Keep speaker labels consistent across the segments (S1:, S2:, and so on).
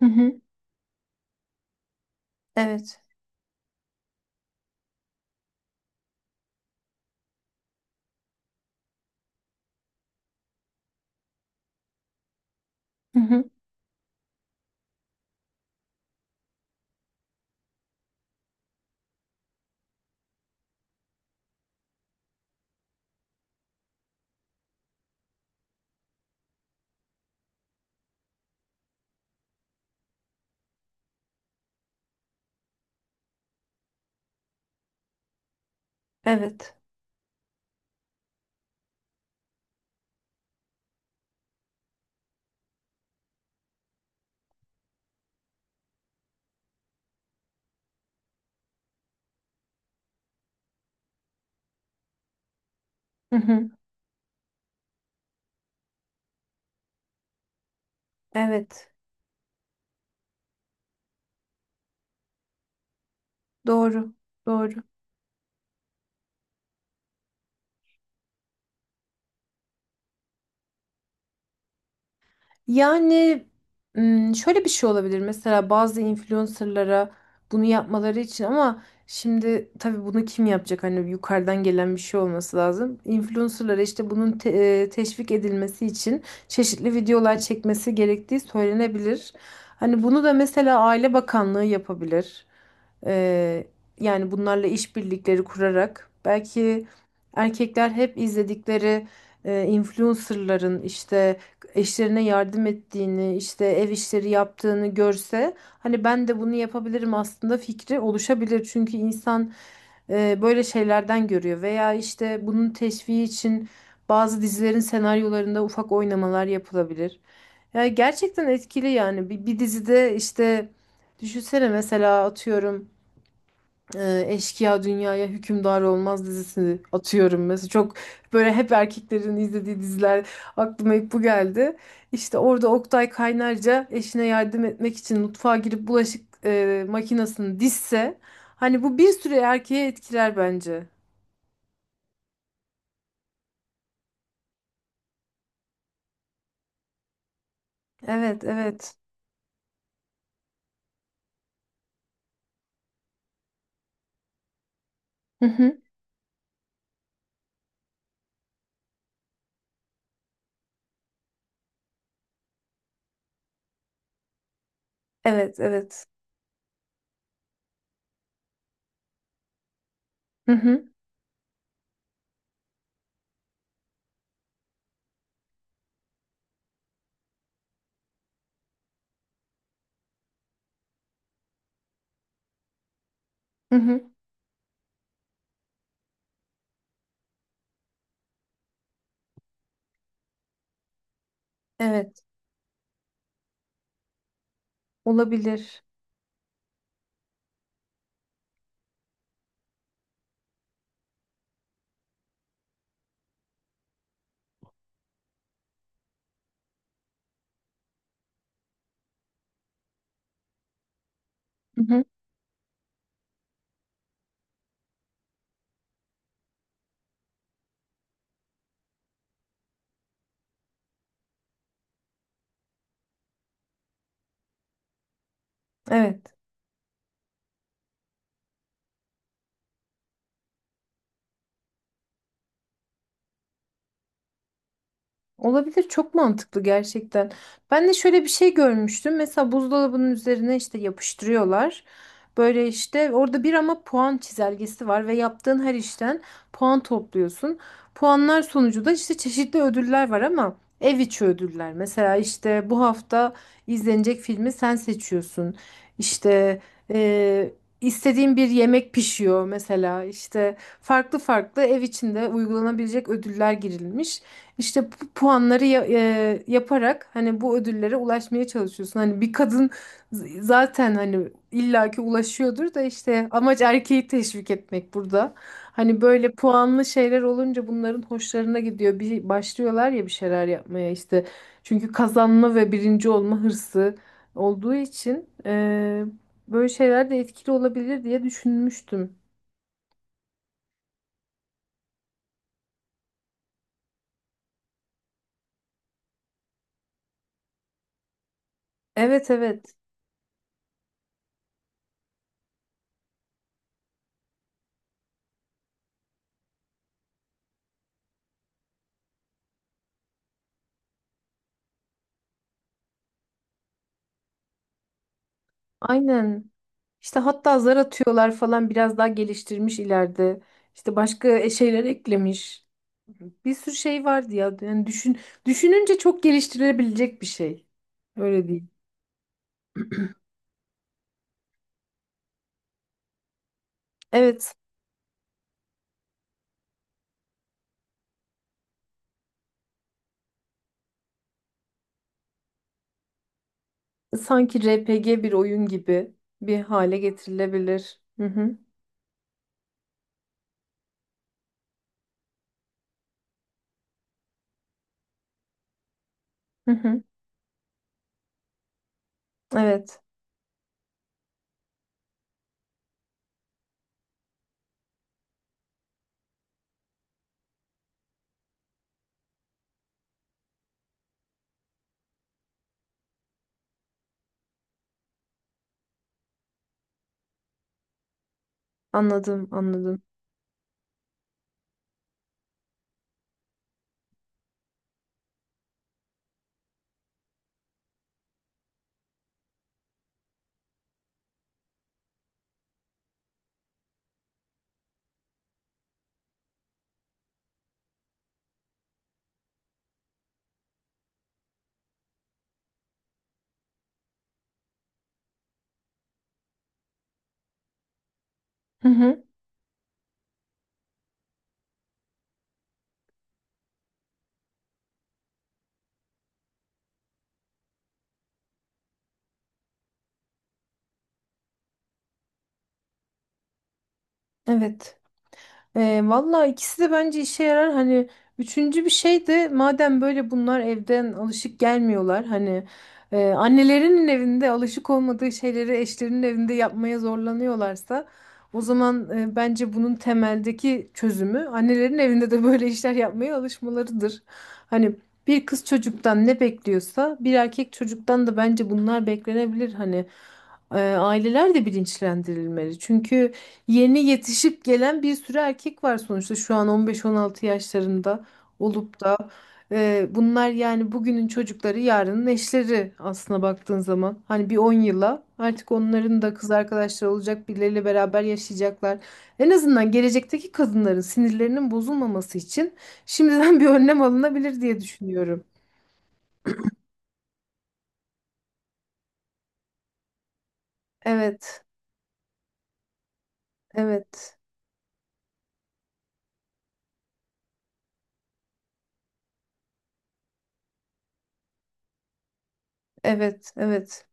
S1: Hı hı. Evet. Hı hı. Evet. Hı hı. Evet. Doğru. Doğru. Yani şöyle bir şey olabilir mesela bazı influencerlara bunu yapmaları için ama şimdi tabii bunu kim yapacak hani yukarıdan gelen bir şey olması lazım. Influencerlara işte bunun teşvik edilmesi için çeşitli videolar çekmesi gerektiği söylenebilir. Hani bunu da mesela Aile Bakanlığı yapabilir. Ee, yani bunlarla işbirlikleri kurarak belki erkekler hep izledikleri influencerların işte eşlerine yardım ettiğini, işte ev işleri yaptığını görse hani ben de bunu yapabilirim aslında fikri oluşabilir. Çünkü insan böyle şeylerden görüyor veya işte bunun teşviki için bazı dizilerin senaryolarında ufak oynamalar yapılabilir. Yani gerçekten etkili yani bir dizide işte düşünsene mesela atıyorum Eşkıya Dünyaya Hükümdar Olmaz dizisini atıyorum mesela. Çok böyle hep erkeklerin izlediği diziler aklıma hep bu geldi. İşte orada Oktay Kaynarca eşine yardım etmek için mutfağa girip bulaşık makinesini dizse hani bu bir süre erkeğe etkiler bence. Evet, evet. Hı hı. Evet, evet. Hı hı. Hı hı. Evet, olabilir. Hı hı. Evet. Olabilir, çok mantıklı gerçekten. Ben de şöyle bir şey görmüştüm. Mesela buzdolabının üzerine işte yapıştırıyorlar. Böyle işte orada bir ama puan çizelgesi var ve yaptığın her işten puan topluyorsun. Puanlar sonucu da işte çeşitli ödüller var ama ev içi ödüller. Mesela işte bu hafta izlenecek filmi sen seçiyorsun. İşte e, istediğin bir yemek pişiyor mesela. İşte farklı farklı ev içinde uygulanabilecek ödüller girilmiş. İşte bu puanları yaparak hani bu ödüllere ulaşmaya çalışıyorsun. Hani bir kadın zaten hani illaki ulaşıyordur da işte amaç erkeği teşvik etmek burada. Hani böyle puanlı şeyler olunca bunların hoşlarına gidiyor. Bir başlıyorlar ya bir şeyler yapmaya işte. Çünkü kazanma ve birinci olma hırsı olduğu için böyle şeyler de etkili olabilir diye düşünmüştüm. Evet evet. Aynen. İşte hatta zar atıyorlar falan biraz daha geliştirmiş ileride. İşte başka şeyler eklemiş. Bir sürü şey vardı ya. Yani düşün, düşününce çok geliştirilebilecek bir şey. Öyle değil. Evet. Sanki RPG bir oyun gibi bir hale getirilebilir. Hı hı. Hı hı. Evet. Anladım, anladım. Hı hı. Evet. E, valla ikisi de bence işe yarar. Hani üçüncü bir şey de madem böyle bunlar evden alışık gelmiyorlar. Hani annelerinin evinde alışık olmadığı şeyleri eşlerinin evinde yapmaya zorlanıyorlarsa o zaman bence bunun temeldeki çözümü annelerin evinde de böyle işler yapmaya alışmalarıdır. Hani bir kız çocuktan ne bekliyorsa bir erkek çocuktan da bence bunlar beklenebilir. Hani aileler de bilinçlendirilmeli. Çünkü yeni yetişip gelen bir sürü erkek var sonuçta şu an 15-16 yaşlarında olup da bunlar yani bugünün çocukları yarının eşleri aslına baktığın zaman hani bir 10 yıla artık onların da kız arkadaşları olacak birileriyle beraber yaşayacaklar. En azından gelecekteki kadınların sinirlerinin bozulmaması için şimdiden bir önlem alınabilir diye düşünüyorum. Evet, evet, evet, evet.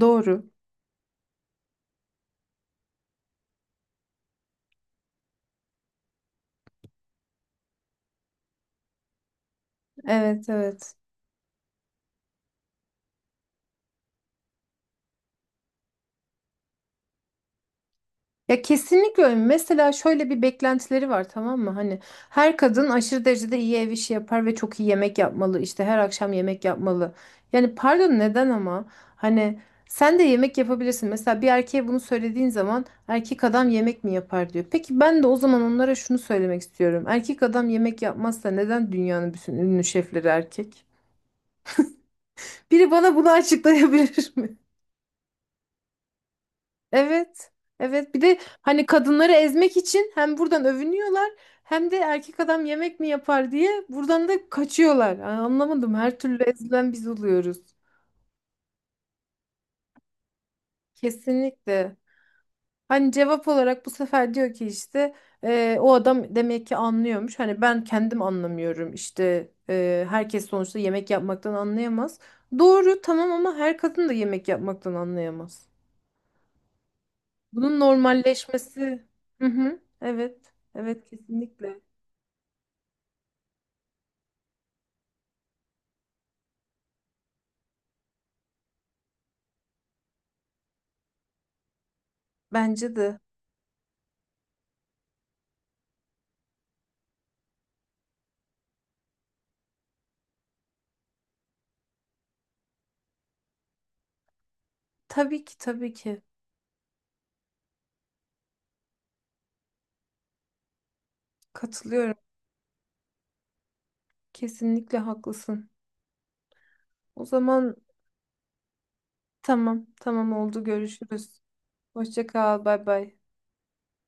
S1: Doğru. Evet, evet. Ya kesinlikle öyle. Mesela şöyle bir beklentileri var, tamam mı? Hani her kadın aşırı derecede iyi ev işi yapar ve çok iyi yemek yapmalı. İşte her akşam yemek yapmalı. Yani pardon, neden ama? Hani sen de yemek yapabilirsin. Mesela bir erkeğe bunu söylediğin zaman erkek adam yemek mi yapar diyor. Peki ben de o zaman onlara şunu söylemek istiyorum. Erkek adam yemek yapmazsa neden dünyanın bütün ünlü şefleri erkek? Biri bana bunu açıklayabilir? Evet. Evet. Bir de hani kadınları ezmek için hem buradan övünüyorlar hem de erkek adam yemek mi yapar diye buradan da kaçıyorlar. Yani anlamadım. Her türlü ezilen biz oluyoruz. Kesinlikle. Hani cevap olarak bu sefer diyor ki işte o adam demek ki anlıyormuş. Hani ben kendim anlamıyorum. İşte herkes sonuçta yemek yapmaktan anlayamaz. Doğru, tamam ama her kadın da yemek yapmaktan anlayamaz. Bunun normalleşmesi. Hı hı. Evet. Evet, kesinlikle. Bence de. Tabii ki, tabii ki. Katılıyorum. Kesinlikle haklısın. O zaman tamam, tamam, oldu, görüşürüz. Hoşça kal, bay bay.